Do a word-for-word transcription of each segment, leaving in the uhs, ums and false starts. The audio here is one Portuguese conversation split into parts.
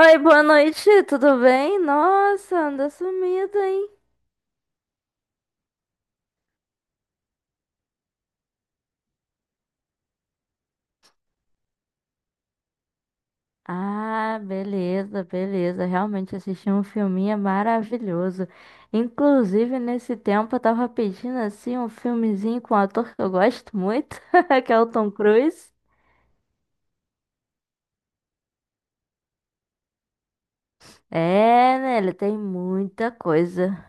Oi, boa noite, tudo bem? Nossa, anda sumida, hein? Ah, beleza, beleza. Realmente assisti um filminho maravilhoso. Inclusive, nesse tempo eu tava pedindo assim um filmezinho com um ator que eu gosto muito, que é o Tom Cruise. É, né? Ele tem muita coisa.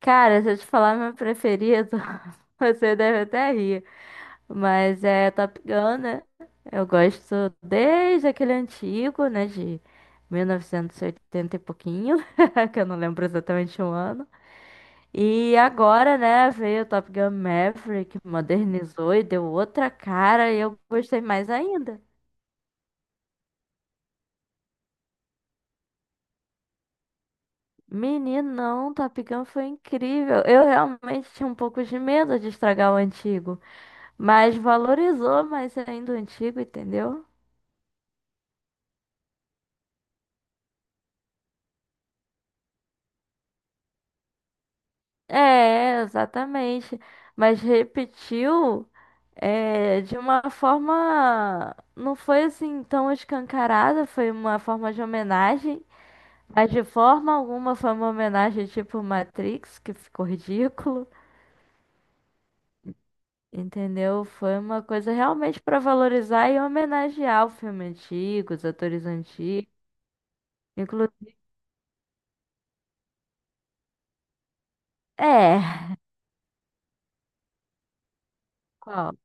Cara, se eu te falar meu preferido, você deve até rir. Mas é Top Gun, né? Eu gosto desde aquele antigo, né? De mil novecentos e oitenta e oitenta e pouquinho, que eu não lembro exatamente o ano. E agora, né, veio o Top Gun Maverick, modernizou e deu outra cara e eu gostei mais ainda. Meninão, Top Gun foi incrível. Eu realmente tinha um pouco de medo de estragar o antigo, mas valorizou mais ainda o antigo, entendeu? É, exatamente. Mas repetiu é, de uma forma. Não foi assim tão escancarada, foi uma forma de homenagem. Mas de forma alguma foi uma homenagem tipo Matrix, que ficou ridículo. Entendeu? Foi uma coisa realmente para valorizar e homenagear o filme antigo, os atores antigos. Inclusive. É. Qual?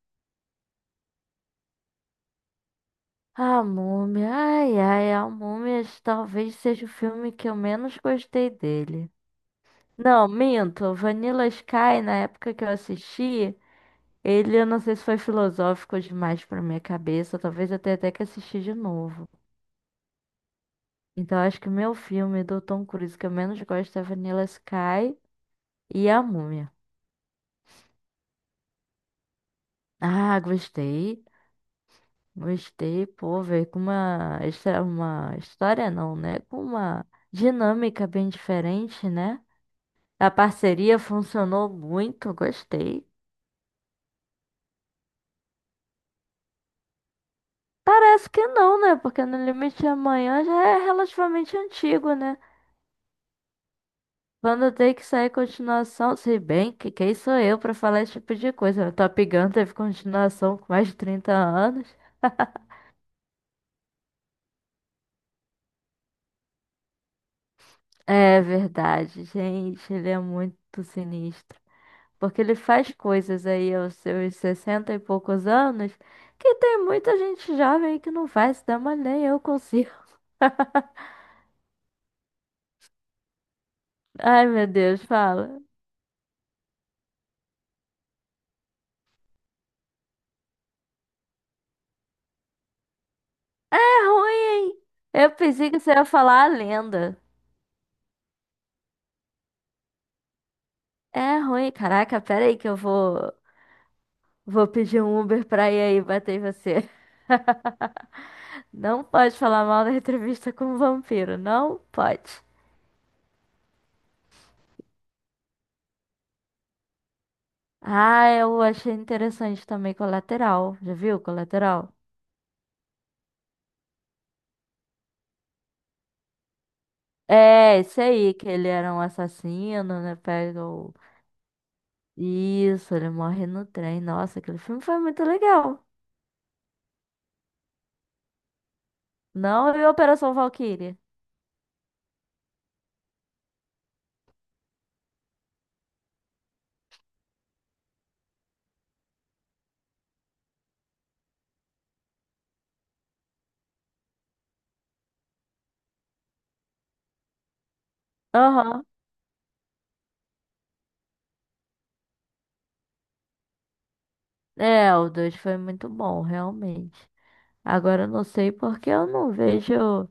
A Múmia. Ai, ai, a Múmia talvez seja o filme que eu menos gostei dele. Não, minto. Vanilla Sky, na época que eu assisti, ele, eu não sei se foi filosófico demais pra minha cabeça. Talvez eu tenha até que assistir de novo. Então, acho que o meu filme do Tom Cruise que eu menos gosto é Vanilla Sky e A Múmia. Ah, gostei. Gostei, pô, veio com uma, histó- uma história, não, né? Com uma dinâmica bem diferente, né? A parceria funcionou muito, gostei. Parece que não, né? Porque No Limite de Amanhã já é relativamente antigo, né? Quando tem que sair continuação, se bem que quem sou eu pra falar esse tipo de coisa? Top Gun teve continuação com mais de trinta anos. É verdade, gente, ele é muito sinistro. Porque ele faz coisas aí aos seus sessenta e poucos anos que tem muita gente jovem que não faz, dá, mas nem eu consigo. Ai, meu Deus, fala. É ruim, hein? Eu pensei que você ia falar a lenda. É ruim. Caraca, pera aí que eu vou, vou pedir um Uber pra ir aí bater em você. Não pode falar mal da entrevista com um vampiro, não pode. Ah, eu achei interessante também Colateral. Já viu Colateral? É, esse aí, que ele era um assassino, né? Pega o... Isso, ele morre no trem. Nossa, aquele filme foi muito legal. Não viu Operação Valkyrie? Aham. É, o dois foi muito bom, realmente. Agora eu não sei porque eu não vejo.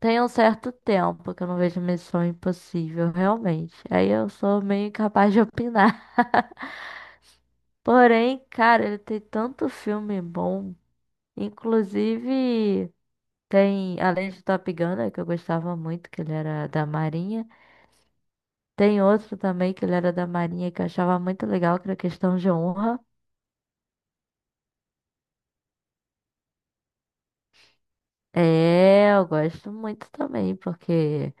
Tem um certo tempo que eu não vejo Missão Impossível, realmente. Aí eu sou meio incapaz de opinar. Porém, cara, ele tem tanto filme bom. Inclusive, tem, além de Top Gun, né, que eu gostava muito, que ele era da Marinha. Tem outro também que ele era da Marinha que eu achava muito legal, que era Questão de Honra. É, eu gosto muito também, porque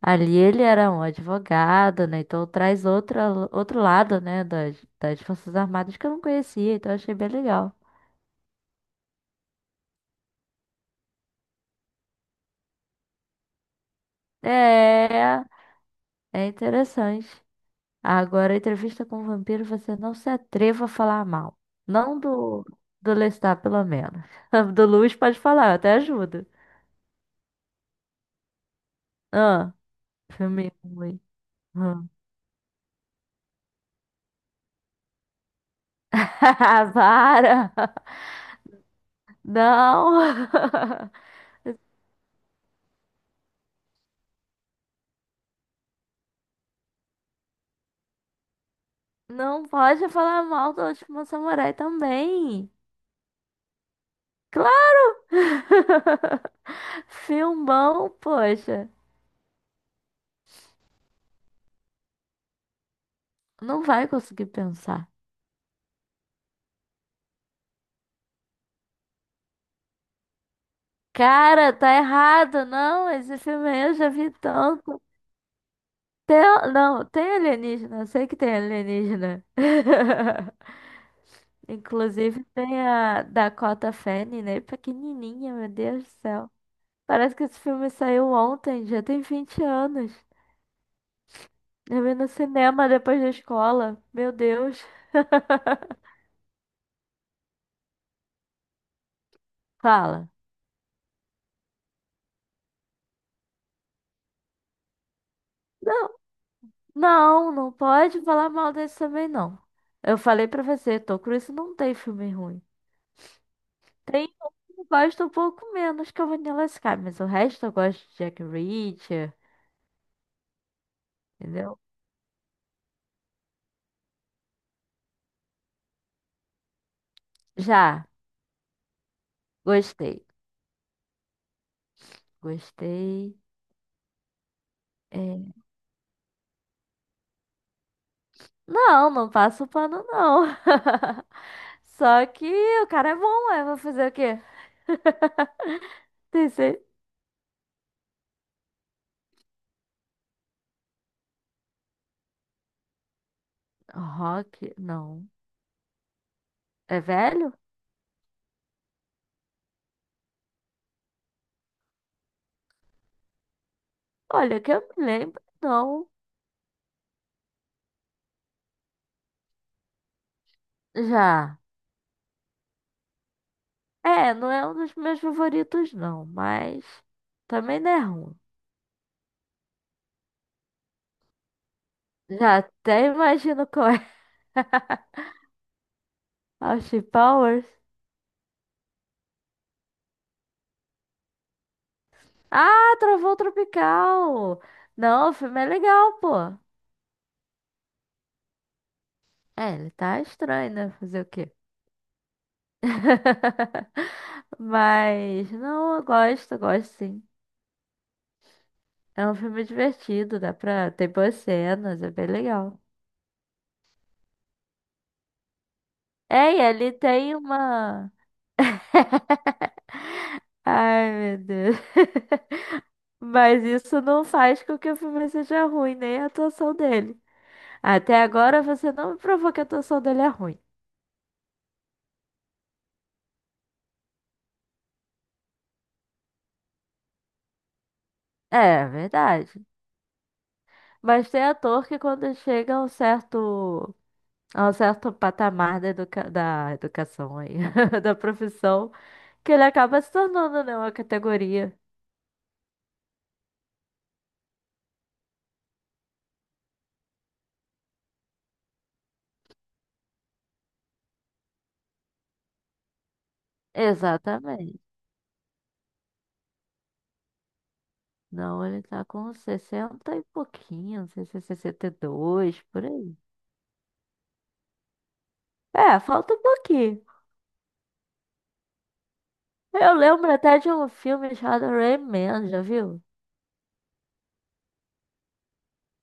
ali ele era um advogado, né? Então traz outra, outro lado, né? Das, das Forças Armadas que eu não conhecia, então achei bem legal. É, é interessante. Agora, entrevista com o vampiro, você não se atreva a falar mal. Não do, do Lestat, pelo menos. Do Luiz pode falar, eu até ajudo. Ah, filme ruim. Hum. Para! Não! Não pode falar mal do Último Samurai também. Filmão, poxa. Não vai conseguir pensar. Cara, tá errado. Não, esse filme aí eu já vi tanto. Tem, não, tem alienígena. Eu sei que tem alienígena. Inclusive tem a Dakota Fanning, né? Pequenininha, meu Deus do céu. Parece que esse filme saiu ontem, já tem vinte anos. Eu vi no cinema depois da escola. Meu Deus. Fala. Não, não pode falar mal desse também, não. Eu falei pra você, Tom Cruise não tem filme ruim. Tem um que eu gosto um pouco menos que é o Vanilla Sky, mas o resto eu gosto de Jack Reacher, entendeu? Já, gostei. Gostei. É, não, não passo o pano, não. Só que o cara é bom, eu vou fazer o quê? Tem cer- Rock, não. É velho? Olha, que eu me lembro, não. Já. É, não é um dos meus favoritos, não, mas também não é ruim. Já até imagino qual é. Austin Powers. Ah, Trovão Tropical! Não, o filme é legal, pô. É, ele tá estranho, né? Fazer o quê? Mas, não, eu gosto, eu gosto sim. É um filme divertido, dá pra. Tem boas cenas, é bem legal. É, e ele tem uma. Ai, meu Deus. Mas isso não faz com que o filme seja ruim, nem a atuação dele. Até agora você não me provou que a atuação dele é ruim. É, verdade. Mas tem ator que quando chega a um certo, a um certo patamar da, educa- da educação aí, da profissão, que ele acaba se tornando, né, uma categoria. Exatamente. Não, ele tá com sessenta e pouquinho, não sei se é sessenta e dois, por aí. É, falta um pouquinho. Eu lembro até de um filme chamado Rain Man, já viu?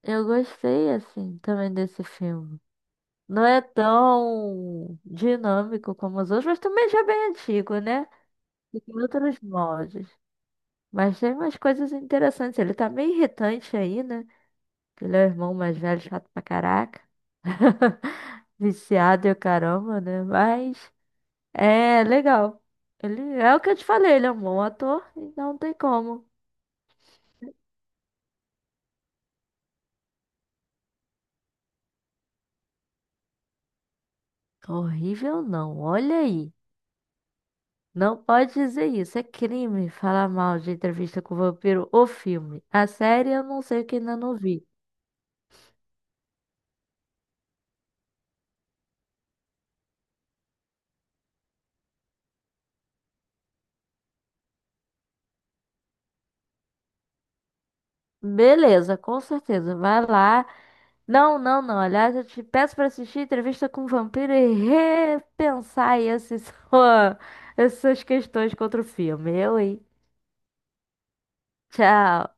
Eu gostei, assim, também desse filme. Não é tão dinâmico como os outros, mas também já é bem antigo, né? E tem outros moldes. Mas tem umas coisas interessantes. Ele tá meio irritante aí, né? Que ele é o irmão mais velho, chato pra caraca. Viciado e o caramba, né? Mas é legal. Ele é o que eu te falei, ele é um bom ator, então não tem como. Horrível não, olha aí. Não pode dizer isso. É crime falar mal de Entrevista com o Vampiro, o filme. A série eu não sei que ainda não vi. Beleza, com certeza. Vai lá. Não, não, não. Aliás, eu te peço para assistir Entrevista com o Vampiro e repensar aí esses, essas questões contra o filme. Eu, hein? Tchau.